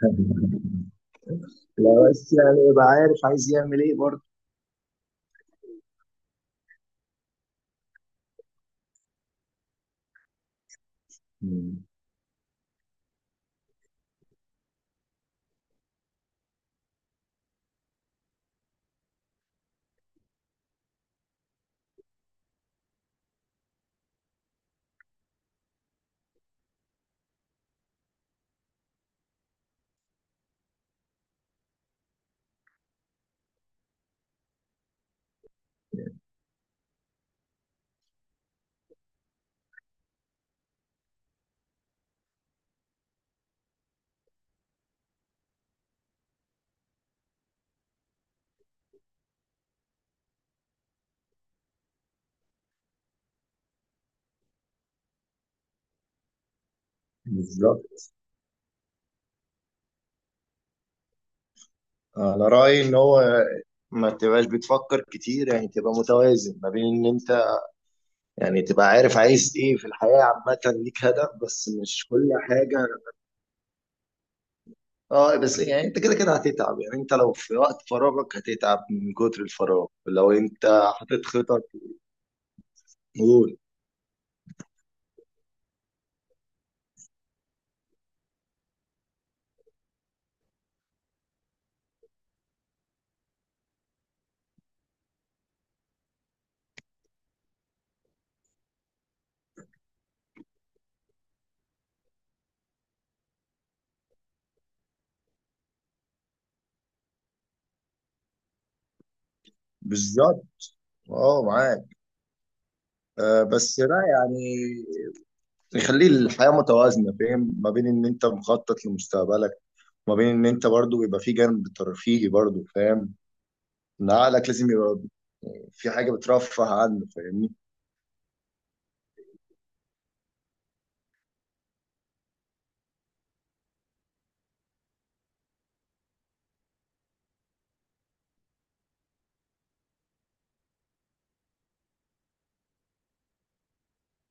لا، بس يعني يبقى عارف عايز يعمل ايه برضه. مم. بالظبط. انا رايي ان هو ما تبقاش بتفكر كتير، يعني تبقى متوازن ما بين ان انت، يعني تبقى عارف عايز ايه في الحياه عامه، ليك هدف بس مش كل حاجه. اه بس يعني انت كده كده هتتعب، يعني انت لو في وقت فراغك هتتعب من كتر الفراغ، لو انت حاطط خطط. قول. بالظبط. اه، معاك. آه بس لا يعني يخلي الحياة متوازنة، فاهم، ما بين ان انت مخطط لمستقبلك، ما بين ان انت برضو يبقى في جانب ترفيهي برضو، فاهم ان عقلك لازم يبقى في حاجة بترفه عنه، فاهمني.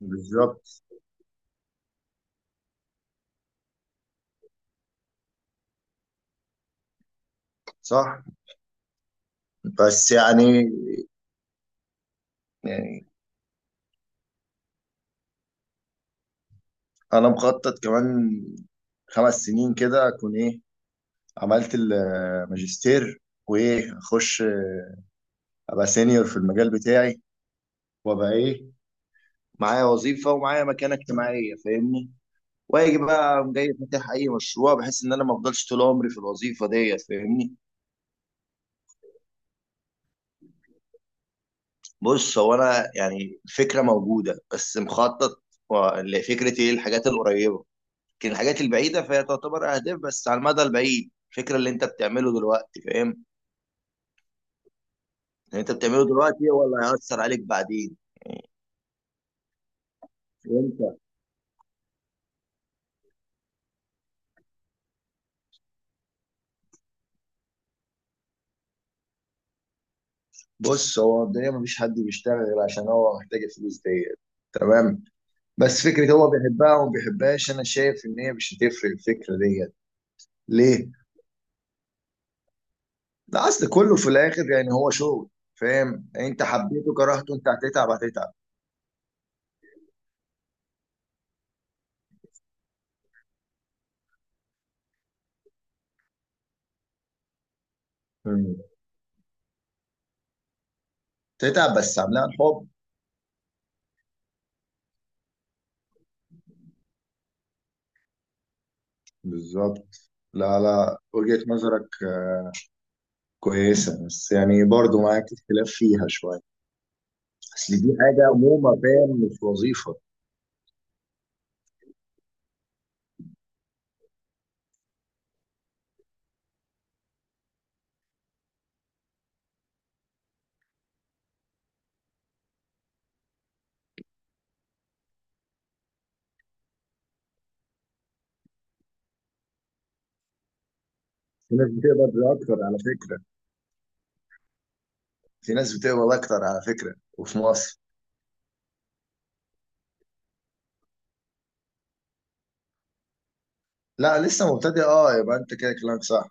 بالظبط. صح. بس يعني. يعني انا مخطط كمان خمس سنين كده اكون ايه، عملت الماجستير، وايه، اخش ابقى سينيور في المجال بتاعي، وابقى ايه، معايا وظيفة ومعايا مكانة اجتماعية، فاهمني. واجي بقى أقوم جاي فاتح اي مشروع، بحيث ان انا ما افضلش طول عمري في الوظيفه ديت، فاهمني. بص، هو انا يعني الفكره موجوده، بس مخطط لفكره ايه الحاجات القريبه، لكن الحاجات البعيده فهي تعتبر اهداف بس على المدى البعيد. الفكره اللي انت بتعمله دلوقتي، فاهم، اللي انت بتعمله دلوقتي هو اللي هيأثر عليك بعدين. وانت؟ بص، هو الدنيا مفيش حد بيشتغل غير عشان هو محتاج الفلوس ديت، تمام؟ بس فكره هو بيحبها وما بيحبهاش، انا شايف ان هي مش هتفرق الفكره ديت. ليه؟ لا، اصل كله في الاخر يعني هو شغل، فاهم؟ انت حبيته كرهته، انت هتتعب هتتعب. مم. تتعب بس عاملها الحب. بالظبط. لا لا، وجهة نظرك كويسة، بس يعني برضو معاك اختلاف فيها شوية. اصل دي حاجه عموما، فاهم، مش وظيفه. في ناس بتقبض اكتر على فكره. في ناس بتقبض اكتر على فكره، وفي مصر. لا، لسه مبتدئ، اه، يبقى انت كده كلامك صح.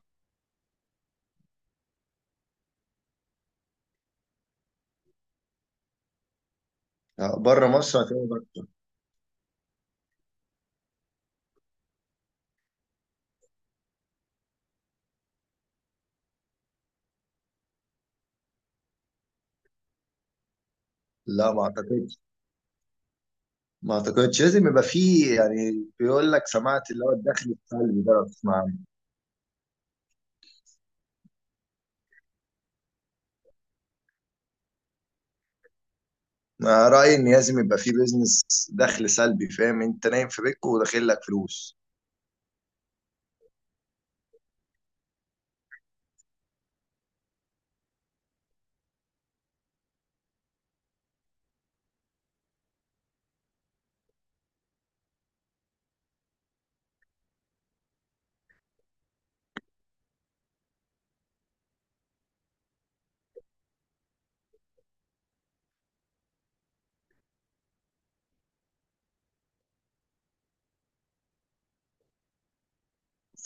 لا، بره مصر هتقبض اكتر. لا، ما اعتقدش. ما اعتقدش. لازم يبقى فيه يعني، بيقول لك سمعت اللي هو الدخل السلبي ده، لو تسمع عنه. انا رايي ان لازم يبقى فيه بيزنس. دخل سلبي، فاهم، انت نايم في بيتك وداخل لك فلوس.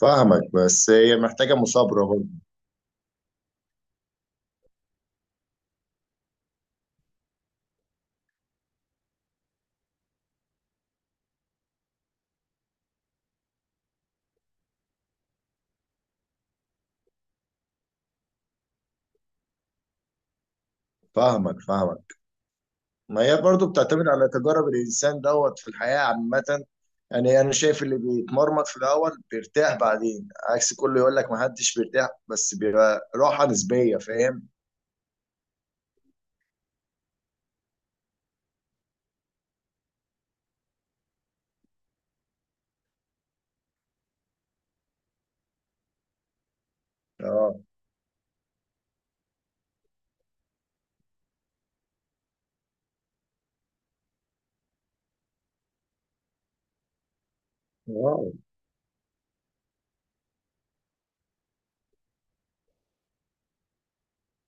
فاهمك، بس هي محتاجة مثابرة برضه. فاهمك فاهمك. ما هي برضه بتعتمد على تجارب الانسان دوت في الحياه عامه. يعني انا شايف اللي بيتمرمط في الاول بيرتاح بعدين، عكس كله يقول لك ما حدش بيرتاح، بس بيبقى راحه نسبيه، فاهم؟ اه. اه،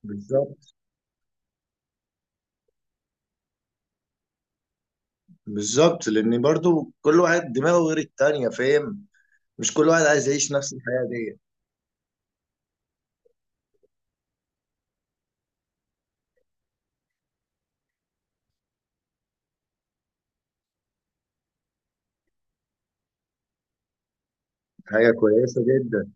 بالظبط. بالظبط، لان برضو كل واحد دماغه غير التانية، فاهم. مش كل واحد عايز يعيش نفس الحياة دي. حاجة كويسة جدا.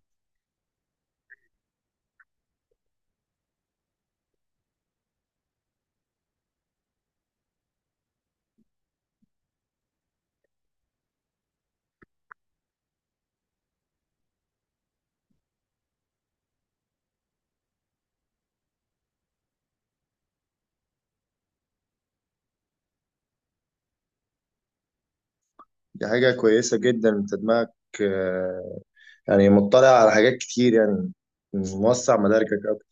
دي حاجة كويسة جدا، انت دماغك آه، يعني مطلع على حاجات كتير يعني، موسع مداركك اكتر.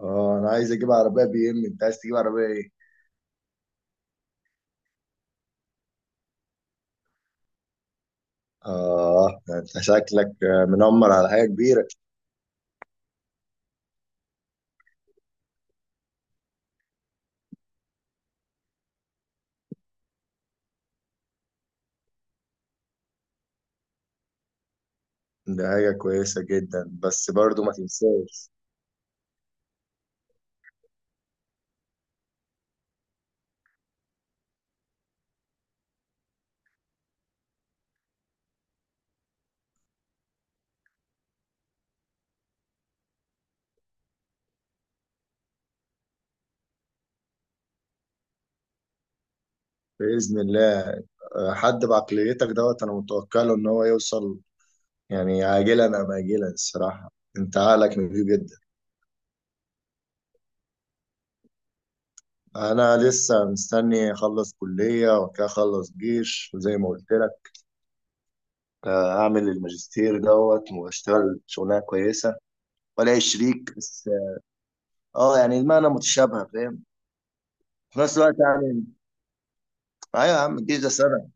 اه، انا عايز اجيب عربية بي ام، انت عايز تجيب عربية ايه؟ اه، ده انت شكلك منمر على حاجة كبيرة. دي حاجة كويسة جدا، بس برضو ما تنساش. بإذن الله. حد بعقليتك دوت انا متوكله ان هو يوصل، يعني عاجلا أم آجلا. الصراحة أنت عقلك نضيف جدا. أنا لسه مستني أخلص كلية، وبعد كده أخلص جيش، وزي ما قلت لك أعمل الماجستير دوت، وأشتغل شغلانة كويسة، وألاقي شريك بس. أه، يعني المعنى متشابهة، فاهم، في نفس الوقت يعني. أيوة يا عم، الجيش ده سنة.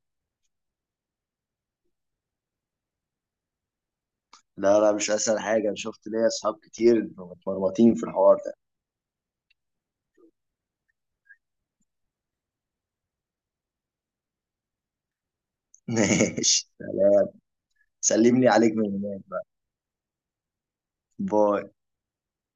لا لا، مش أسهل حاجة، أنا شفت ليا أصحاب كتير متمرمطين في الحوار ده. ماشي، سلام. سلم لي عليك من هناك. باي.